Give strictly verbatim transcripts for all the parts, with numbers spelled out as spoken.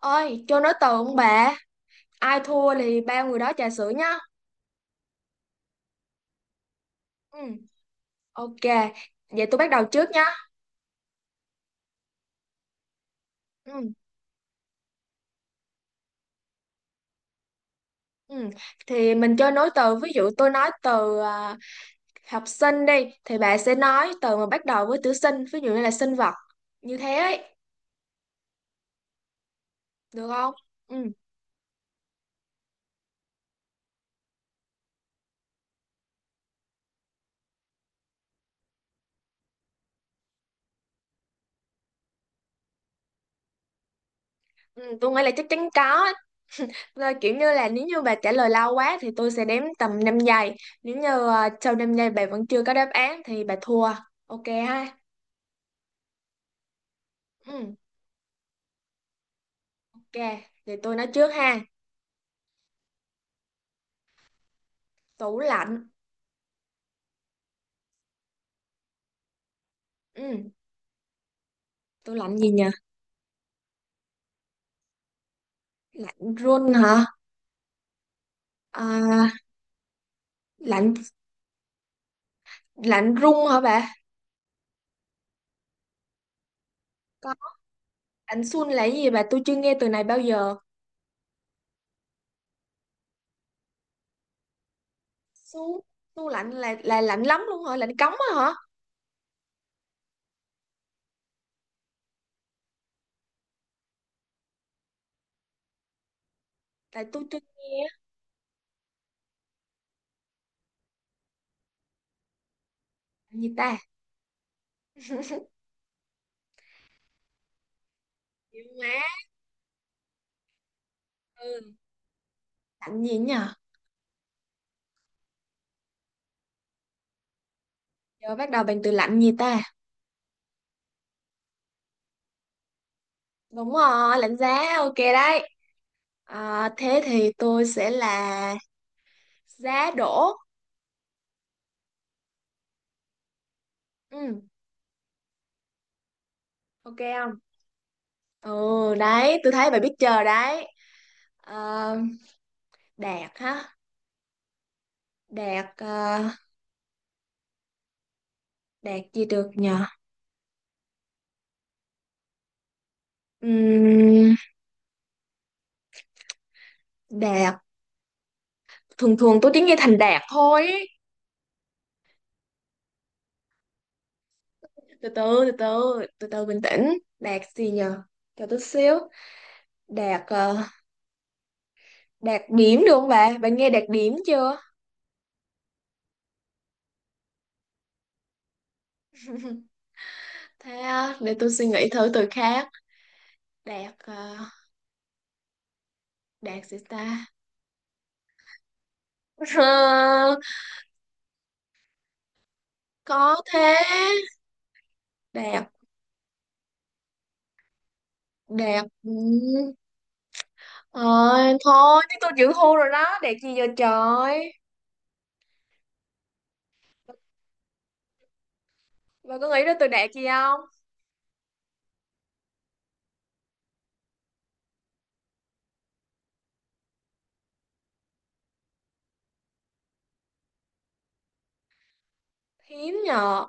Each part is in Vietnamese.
Ôi, cho nói từ ông bà, ai thua thì ba người đó trà sữa nhá. Ừ, ok, vậy tôi bắt đầu trước nhá. Ừ, ừ. Thì mình chơi nối từ, ví dụ tôi nói từ à, học sinh đi, thì bà sẽ nói từ mà bắt đầu với chữ sinh, ví dụ như là sinh vật, như thế ấy, được không? Ừ, ừ tôi nghĩ là chắc chắn có. Rồi, kiểu như là nếu như bà trả lời lâu quá thì tôi sẽ đếm tầm năm giây. Nếu như à, sau năm giây bà vẫn chưa có đáp án thì bà thua. Ok ha? Ừ. Ok, thì tôi nói trước ha. Tủ lạnh. Ừ, tủ lạnh gì nhỉ? Lạnh run hả? À, lạnh lạnh run hả bà? Có, lạnh sun là cái gì bà? Tôi chưa nghe từ này bao giờ. Su, tủ lạnh là là lạnh lắm luôn hả? Lạnh cống á hả? Tại tôi chưa nghe. Lạnh gì ta? Chịu má. Ừ, lạnh gì nhỉ? Giờ bắt đầu bằng từ lạnh gì ta? Đúng rồi, lạnh giá. Ok đấy. À, thế thì tôi sẽ là giá đổ. Ừ, ok không? Ừ, đấy, tôi thấy bà biết chờ đấy. Ờ, đạt hả? Đạt ờ, đạt gì được nhờ? Ừm, đạt thường thường tôi chỉ nghe thành đạt thôi ý. Từ từ từ từ từ từ bình tĩnh. Đạt gì nhờ? Cho tôi xíu. Đạt ờ, đạt điểm được không bà? Bà nghe đạt điểm chưa? Thế ờ, để tôi suy nghĩ thử từ khác. Đạt ờ, đạt gì ta? Ờ, có thế. Đạt đạt ừm, Thôi, thôi, chứ tôi chịu thua rồi đó, đẹp gì giờ trời. Bà có nghĩ đến tôi đẹp gì không? Hiếm nhờ.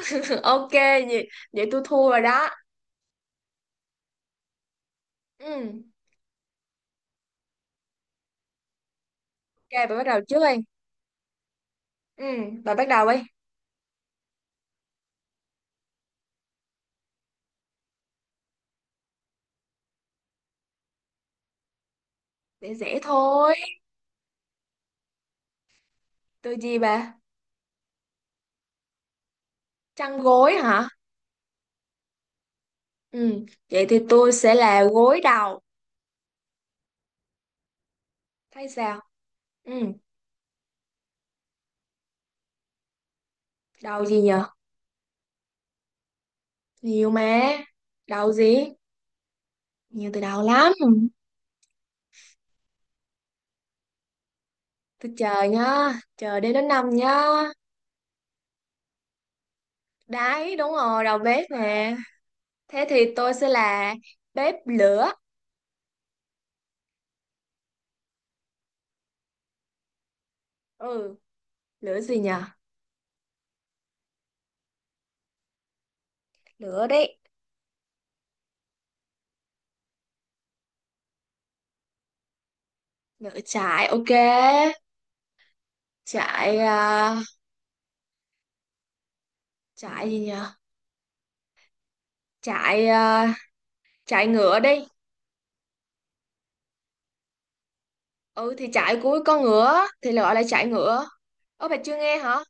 Ok, vậy, vậy tôi thua rồi đó. Ừ, ok, bà bắt đầu trước đi. Ừ, bà bắt đầu đi. Dễ dễ thôi. Tôi gì bà? Chăn gối hả? Ừ, vậy thì tôi sẽ là gối đầu. Thấy sao? Ừ, đầu gì nhờ? Nhiều mà. Đầu gì? Nhiều từ đầu lắm. Tôi chờ nhá, chờ đến đến năm nhá. Đấy, đúng rồi, đầu bếp nè. Thế thì tôi sẽ là bếp lửa. Ừ, lửa gì nhở? Lửa đấy. Lửa trại, ok. Trại, à, trại gì nhở? Trại, à, trại ngựa đi. Ừ, thì trại của con ngựa thì gọi là trại ngựa. Ơ, bà chưa nghe hả?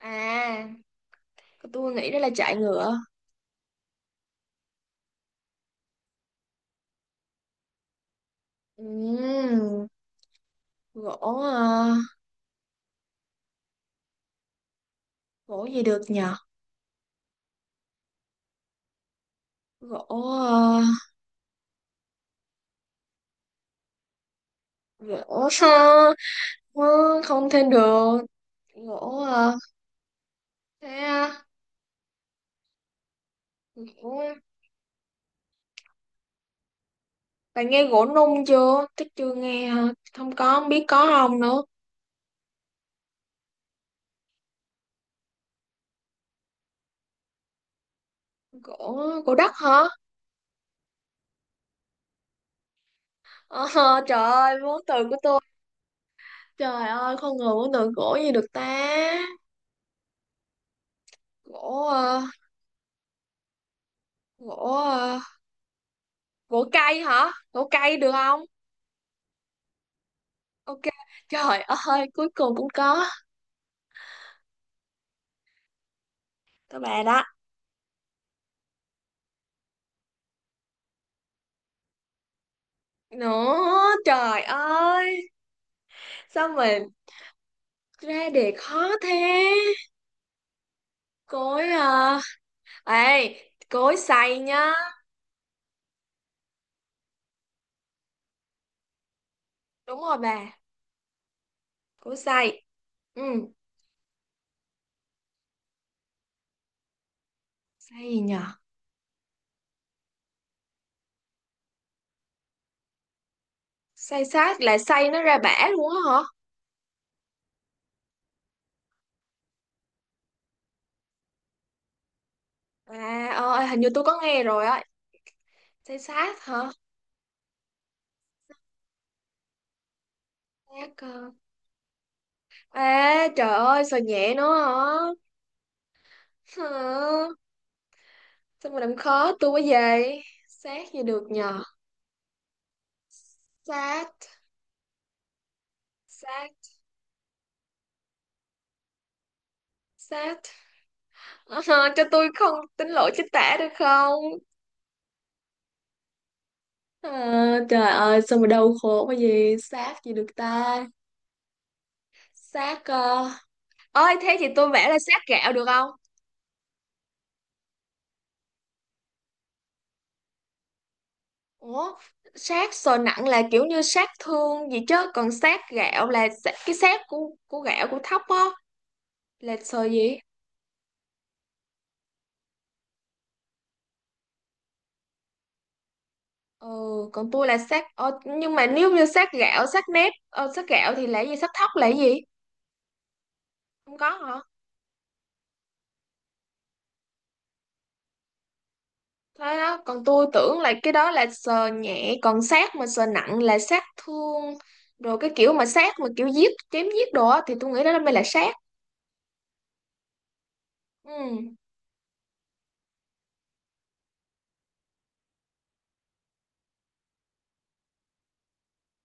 À, tôi nghĩ đó là trại ngựa. Ừm, gỗ, à, gỗ gì được nhở? Gỗ, à, gỗ, không thêm được. Gỗ, à, thế, à, gỗ. Bạn nghe gỗ nung chưa? Chắc chưa nghe hả? Không có, không biết có không nữa. Gỗ, gỗ đất hả? Ờ, trời ơi, vốn từ của tôi. Trời ơi, con người vốn từ gỗ gì được ta? Gỗ, ờ, gỗ, ờ, gỗ cây hả? Gỗ cây được không? Ok, trời ơi, cuối cùng cũng có. Các bạn đó. Nữa, trời ơi, sao mình ra đề khó thế? Cối, à ê, cối xay nhá. Đúng rồi bà, cối xay. Ừ. Say nhờ? Say sát là say nó ra bã luôn á hả? à ờ, à, hình như tôi có nghe rồi á, say sát hả? Sát ờ. À trời ơi sao nhẹ nữa hả? Hả? Sao mà làm khó tôi quá vậy. Sát gì được nhờ? Sát Sát Sát. Ờ, cho tôi không tính lỗi chính tả được không? Ờ, trời ơi sao mà đau khổ quá gì. Sát gì được ta? Sát ờ. Ơi thế thì tôi vẽ là sát gạo được không? Ủa, sát sờ nặng là kiểu như sát thương gì, chứ còn sát gạo là sa- cái sát của của gạo của thóc á, là sờ gì. Ừ, còn tôi là sát ờ, nhưng mà nếu như sát gạo sát nếp ờ, sát gạo thì là gì, sát thóc là gì, không có hả? Thế đó, còn tôi tưởng là cái đó là sờ nhẹ, còn sát mà sờ nặng là sát thương. Rồi cái kiểu mà sát mà kiểu giết chém giết đồ á thì tôi nghĩ đó mới là sát. Ừ.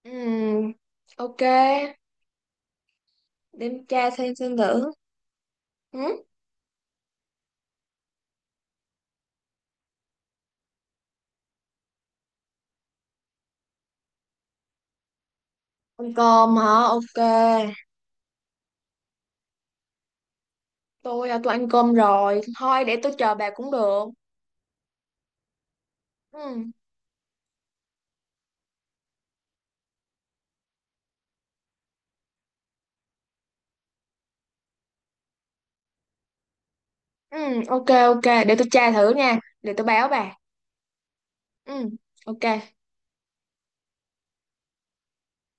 Ừ, ok, để em tra xem xem thử. Ừ. Ăn cơm hả? Ok. Tôi à, tôi ăn cơm rồi. Thôi để tôi chờ bà cũng được. Ừ. Ừ, ok ok, để tôi tra thử nha. Để tôi báo bà. Ừ, ok.